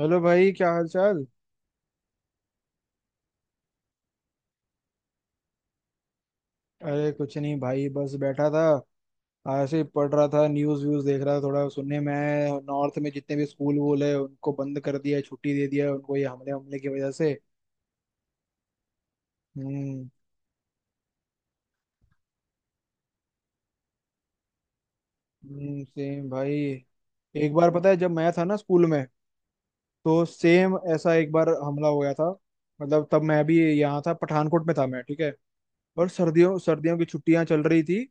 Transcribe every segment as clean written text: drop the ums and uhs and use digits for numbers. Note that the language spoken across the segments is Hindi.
हेलो भाई, क्या हाल चाल। अरे कुछ नहीं भाई, बस बैठा था। ऐसे ही पढ़ रहा था, न्यूज़ व्यूज़ देख रहा था। थोड़ा सुनने में आया है, नॉर्थ में जितने भी स्कूल वूल है उनको बंद कर दिया है, छुट्टी दे दिया है उनको, ये हमले हमले की वजह से। हम्म। हम्म। सेम भाई। एक बार पता है, जब मैं था ना स्कूल में, तो सेम ऐसा एक बार हमला हो गया था। मतलब तब मैं भी यहाँ था, पठानकोट में था मैं, ठीक है। और सर्दियों सर्दियों की छुट्टियां चल रही थी।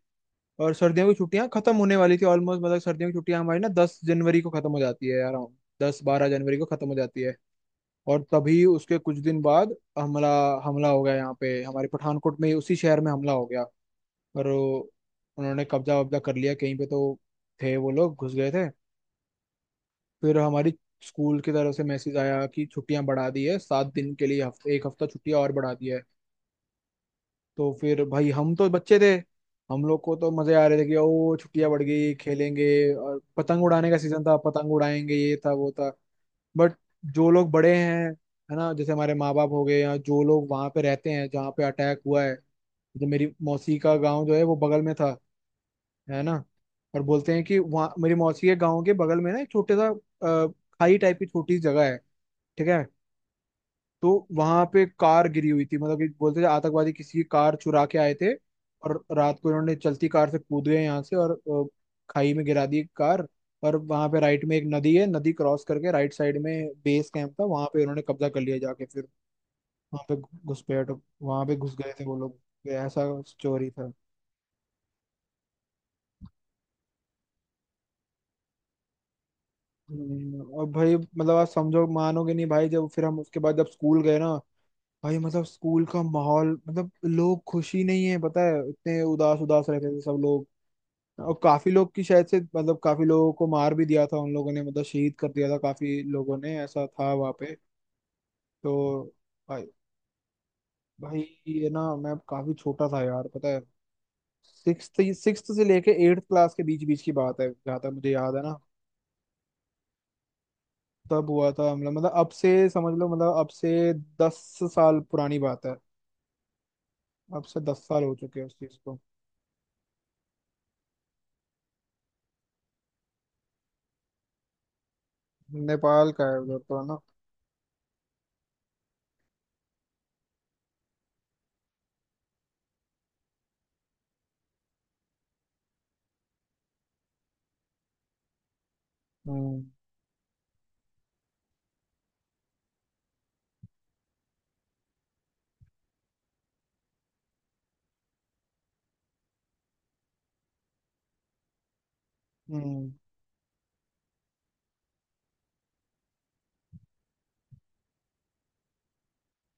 और सर्दियों की छुट्टियां खत्म होने वाली थी ऑलमोस्ट। मतलब सर्दियों की छुट्टियां हमारी ना 10 जनवरी को खत्म हो जाती है अराउंड। 10-12 जनवरी को खत्म हो जाती है। और तभी उसके कुछ दिन बाद हमला हमला हो गया यहाँ पे हमारे पठानकोट में, उसी शहर में हमला हो गया। और उन्होंने कब्जा वब्जा कर लिया कहीं पे। तो थे वो लोग, घुस गए थे। फिर हमारी स्कूल की तरफ से मैसेज आया कि छुट्टियां बढ़ा दी है 7 दिन के लिए, हफ्ते, एक हफ्ता छुट्टियां और बढ़ा दी है। तो फिर भाई, हम तो बच्चे थे। हम लोग को तो मजे आ रहे थे कि ओ, छुट्टियां बढ़ गई, खेलेंगे। और पतंग उड़ाने का सीजन था, पतंग उड़ाएंगे, ये था वो था। बट जो लोग बड़े हैं, है ना, जैसे हमारे माँ बाप हो गए, या जो लोग वहां पे रहते हैं जहाँ पे अटैक हुआ है। जो मेरी मौसी का गाँव जो है, वो बगल में था, है ना। और बोलते हैं कि वहाँ मेरी मौसी के गाँव के बगल में ना एक छोटे सा, अ, खाई टाइप की छोटी सी जगह है, ठीक है। तो वहां पे कार गिरी हुई थी, मतलब कि बोलते थे आतंकवादी किसी की कार चुरा के आए थे। और रात को इन्होंने चलती कार से कूद गए यहाँ से, और अ, खाई में गिरा दी कार। और वहां पे राइट में एक नदी है, नदी क्रॉस करके राइट साइड में बेस कैंप था, वहां पे उन्होंने कब्जा कर लिया जाके। फिर वहां पे घुसपैठ, वहां पे घुस गए थे वो लोग। ये ऐसा स्टोरी था। और भाई, मतलब आप समझो, मानोगे नहीं भाई। जब फिर हम, उसके बाद जब स्कूल गए ना, भाई मतलब स्कूल का माहौल, मतलब लोग खुशी नहीं है पता है, इतने उदास उदास रहते थे सब लोग। और काफी लोग की शायद से, मतलब काफी लोगों को मार भी दिया था उन लोगों ने, मतलब शहीद कर दिया था काफी लोगों ने, ऐसा था वहां पे। तो भाई, भाई, ये ना मैं काफी छोटा था यार पता है। सिक्स सिक्स से लेके एट्थ क्लास के बीच बीच की बात है, जहाँ तक मुझे याद है ना। तब हुआ था हमला, मतलब अब से समझ लो, मतलब अब से 10 साल पुरानी बात है। अब से दस साल हो चुके हैं उस चीज को। नेपाल का है उधर तो, है ना। हम्म। हम्म।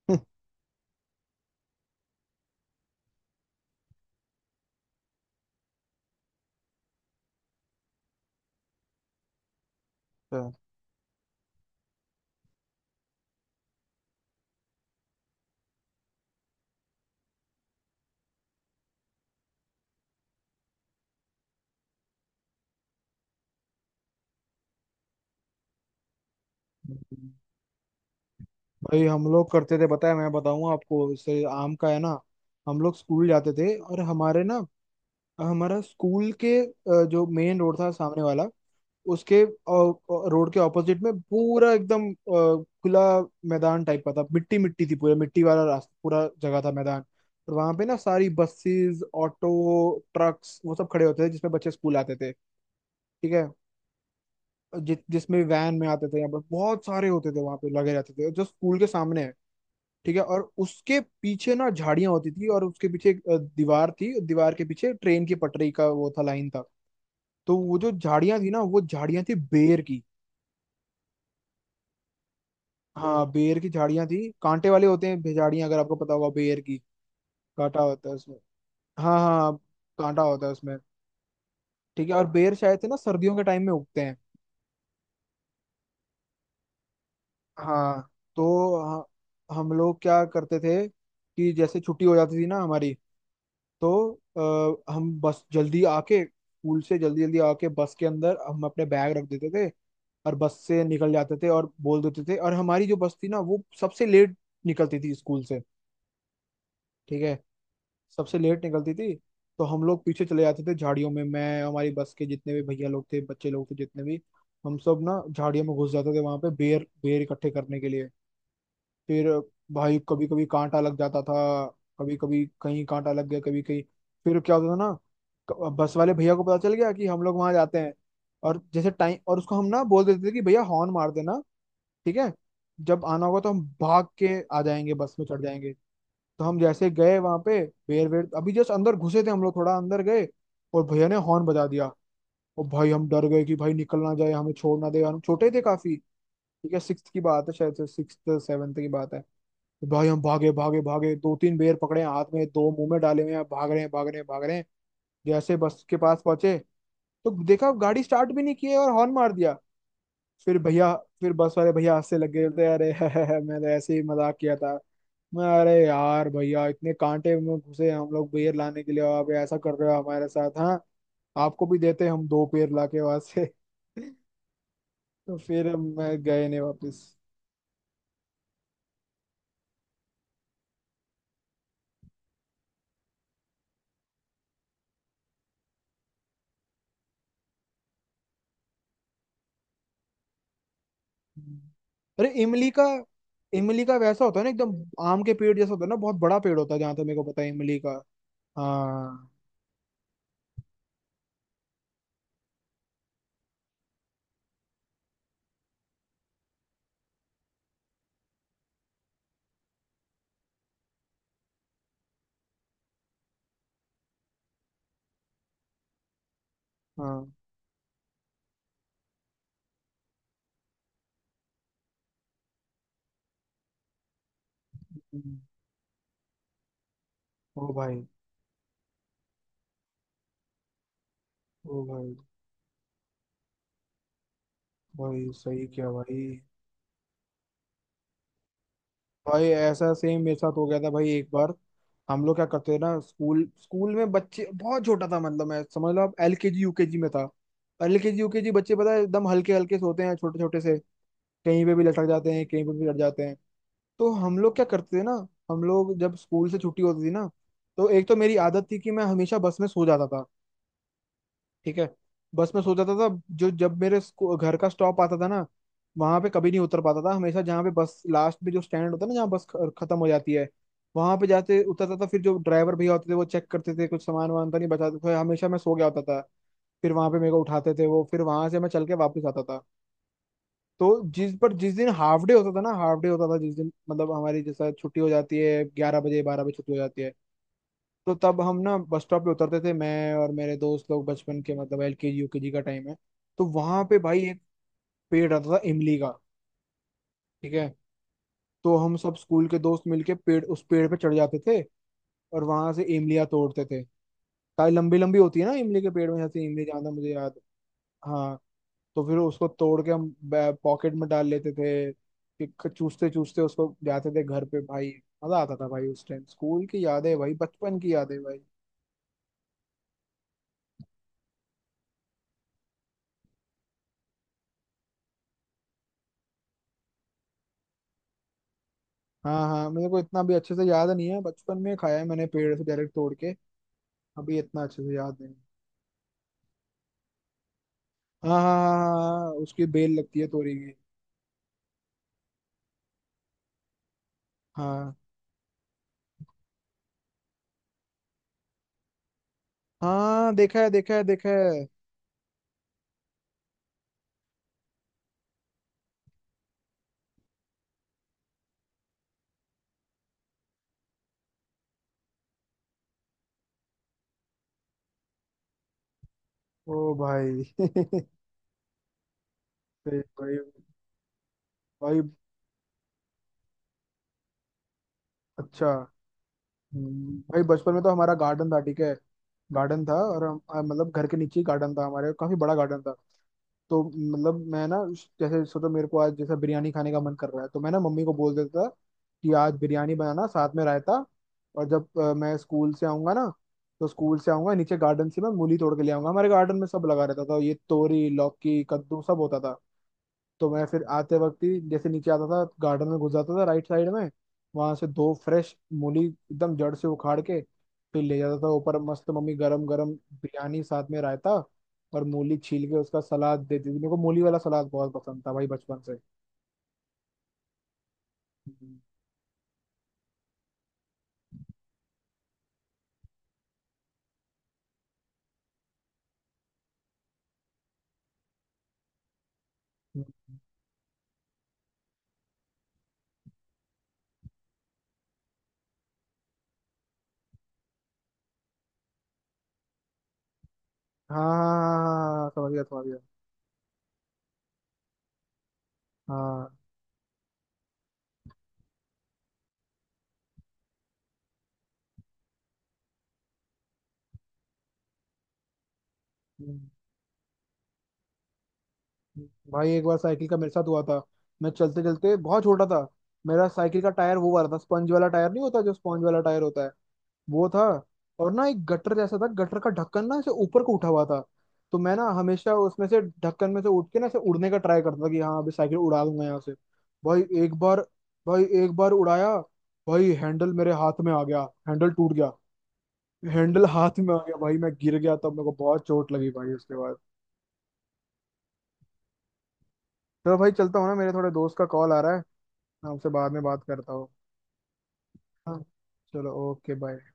अच्छा। भाई हम लोग करते थे, पता है, मैं बताऊं आपको, इससे आम का है ना। हम लोग स्कूल जाते थे, और हमारे ना, हमारा स्कूल के जो मेन रोड था सामने वाला, उसके रोड के ऑपोजिट में पूरा एकदम खुला मैदान टाइप का था। मिट्टी मिट्टी थी पूरा, मिट्टी वाला रास्ता, पूरा जगह था मैदान। और वहां पे ना सारी बसेस, ऑटो, ट्रक्स वो सब खड़े होते थे जिसमें बच्चे स्कूल आते थे, ठीक है। जिसमें वैन में आते थे यहाँ पर बहुत सारे होते थे, वहां पे लगे रहते थे जो स्कूल के सामने है, ठीक है। और उसके पीछे ना झाड़ियां होती थी, और उसके पीछे एक दीवार थी, दीवार के पीछे ट्रेन की पटरी का वो था, लाइन था। तो वो जो झाड़ियां थी ना, वो झाड़ियां थी बेर की। हाँ, बेर की झाड़ियां थी, कांटे वाले होते हैं झाड़ियां, अगर आपको पता होगा बेर की। कांटा होता है उसमें। हाँ हाँ हाँ, कांटा होता है उसमें, ठीक है। और बेर शायद से ना सर्दियों के टाइम में उगते हैं। हाँ, तो हम लोग क्या करते थे कि जैसे छुट्टी हो जाती थी ना हमारी। तो हम बस जल्दी आके स्कूल से, जल्दी जल्दी आके बस के अंदर हम अपने बैग रख देते थे। और बस से निकल जाते थे और बोल देते थे। और हमारी जो बस थी ना, वो सबसे लेट निकलती थी स्कूल से, ठीक है। सबसे लेट निकलती थी। तो हम लोग पीछे चले जाते थे झाड़ियों में, मैं, हमारी बस के जितने भी भैया लोग थे, बच्चे लोग थे जितने भी, हम सब ना झाड़ियों में घुस जाते थे वहां पे, बेर बेर इकट्ठे करने के लिए। फिर भाई, कभी कभी कांटा लग जाता था। कभी कभी कहीं कांटा लग गया, कभी कहीं। फिर क्या होता था ना, बस वाले भैया को पता चल गया कि हम लोग वहां जाते हैं। और जैसे टाइम, और उसको हम ना बोल देते थे कि भैया हॉर्न मार देना, ठीक है। जब आना होगा तो हम भाग के आ जाएंगे, बस में चढ़ जाएंगे। तो हम जैसे गए वहां पे, बेर वेर, अभी जस्ट अंदर घुसे थे हम लोग, थोड़ा अंदर गए, और भैया ने हॉर्न बजा दिया। और भाई हम डर गए कि भाई निकल ना जाए, हमें छोड़ ना दे, हम छोटे थे काफी, ठीक है। सिक्स की बात है शायद से, 6 7वीं की बात है। तो भाई, हम भागे भागे भागे, दो तीन बेर पकड़े हैं हाथ में, दो मुंह में डाले हुए हैं, भाग रहे हैं भाग रहे हैं भाग रहे हैं। जैसे बस के पास पहुंचे, तो देखा गाड़ी स्टार्ट भी नहीं की है और हॉर्न मार दिया। फिर भैया, फिर बस वाले भैया हंसने लग गए, बोलते अरे, मैं तो ऐसे ही मजाक किया था। मैं, अरे यार भैया, इतने कांटे में घुसे हम लोग बेर लाने के लिए और आप ऐसा कर रहे हो हमारे साथ, हाँ। आपको भी देते हम दो पेड़ लाके वहां से। तो फिर मैं गए नहीं वापस। हम्म। अरे इमली का, इमली का वैसा होता है ना एकदम आम के पेड़ जैसा, होता है ना, बहुत बड़ा पेड़ होता है, जहां तक मेरे को पता है, इमली का। हाँ हाँ, हम्म, ओ भाई, ओ भाई, भाई सही क्या भाई। भाई ऐसा सेम मेरे साथ हो गया था भाई, एक बार। हम लोग क्या करते थे ना स्कूल, स्कूल में बच्चे, बहुत छोटा था, मतलब मैं, समझ लो आप, एलकेजी यूकेजी में था। एलकेजी यूकेजी बच्चे पता है एकदम हल्के हल्के से होते हैं, छोटे छोटे से। कहीं पे भी लटक जाते हैं, कहीं पे भी लट जाते हैं। तो हम लोग क्या करते थे ना, हम लोग जब स्कूल से छुट्टी होती थी ना, तो एक तो मेरी आदत थी कि मैं हमेशा बस में सो जाता था, ठीक है। बस में सो जाता था। जो, जब मेरे घर का स्टॉप आता था ना, वहां पे कभी नहीं उतर पाता था, हमेशा जहाँ पे बस लास्ट में जो स्टैंड होता है ना, जहाँ बस खत्म हो जाती है, वहां पे जाते उतरता था। फिर जो ड्राइवर भैया होते थे वो चेक करते थे कुछ सामान वामान तो नहीं बचाते थे, हमेशा मैं सो गया होता था। फिर वहां पे मेरे को उठाते थे वो, फिर वहां से मैं चल के वापस आता था। तो जिस पर जिस दिन हाफ डे होता था ना, हाफ डे होता था जिस दिन, मतलब हमारी जैसा छुट्टी हो जाती है 11 बजे, 12 बजे छुट्टी हो जाती है। तो तब हम ना बस स्टॉप पे उतरते थे, मैं और मेरे दोस्त लोग, बचपन के, मतलब L K G U K G का टाइम है। तो वहां पे भाई एक पेड़ रहता था इमली का, ठीक है। तो हम सब स्कूल के दोस्त मिलके पेड़, उस पेड़ पे चढ़ जाते थे, और वहां से इमलियाँ तोड़ते थे। ताकि लंबी लंबी होती है ना इमली के पेड़ में, जैसे इमली ज्यादा मुझे याद है। हाँ। तो फिर उसको तोड़ के हम पॉकेट में डाल लेते थे। फिर चूसते चूसते उसको जाते थे घर पे भाई। मजा आता था भाई, उस टाइम, स्कूल की यादें है भाई, बचपन की यादें है भाई। हाँ हाँ, मेरे को इतना भी अच्छे से याद नहीं है, बचपन में खाया है मैंने पेड़ से डायरेक्ट तोड़ के। अभी इतना अच्छे से याद नहीं। हाँ हाँ हाँ, हाँ हाँ, उसकी बेल लगती है तोरी की। हाँ हाँ, देखा है देखा है देखा है। ओ भाई, भाई, भाई भाई, अच्छा। भाई बचपन में तो हमारा गार्डन था, ठीक है। गार्डन था, और हम मतलब घर के नीचे ही गार्डन था हमारे, काफी बड़ा गार्डन था। तो मतलब मैं ना, जैसे सोचो मेरे को आज जैसा बिरयानी खाने का मन कर रहा है, तो मैं ना मम्मी को बोल देता था कि आज बिरयानी बनाना, साथ में रायता। और जब मैं स्कूल से आऊंगा ना, तो स्कूल से आऊंगा, नीचे गार्डन से मैं मूली तोड़ के ले आऊंगा। हमारे गार्डन में सब लगा रहता था, ये तोरी लौकी कद्दू सब होता था। तो मैं फिर आते वक्त ही जैसे नीचे आता था, गार्डन में घुस जाता था राइट साइड में। वहां से दो फ्रेश मूली एकदम जड़ से उखाड़ के फिर ले जाता था ऊपर। मस्त मम्मी, गरम गरम बिरयानी साथ में रायता, और मूली छील के उसका सलाद देती थी मेरे को। मूली वाला सलाद बहुत पसंद था भाई बचपन से। हम्म, हाँ हाँ, हाँ हाँ, समझ गया समझ गया। हाँ, हम्म, भाई एक बार साइकिल का मेरे साथ हुआ था। मैं चलते चलते, बहुत छोटा था। मेरा साइकिल का टायर वो वाला था, स्पंज वाला टायर नहीं होता जो, स्पंज वाला टायर होता है, वो था। और ना एक गटर जैसा था, गटर का ढक्कन ना ऐसे ऊपर को उठा हुआ था। तो मैं ना हमेशा उसमें से, ढक्कन में से उठ के ना ऐसे उड़ने का ट्राई करता था कि हाँ अभी साइकिल उड़ा दूंगा यहाँ से। भाई एक बार, भाई एक बार उड़ाया। भाई हैंडल मेरे हाथ में आ गया, हैंडल टूट गया, हैंडल हाथ में आ गया भाई। मैं गिर गया, तब मेरे को बहुत चोट लगी भाई उसके बाद। चलो भाई, चलता हूँ ना, मेरे थोड़े दोस्त का कॉल आ रहा है। मैं आपसे बाद में बात करता हूँ। हाँ, चलो ओके बाय।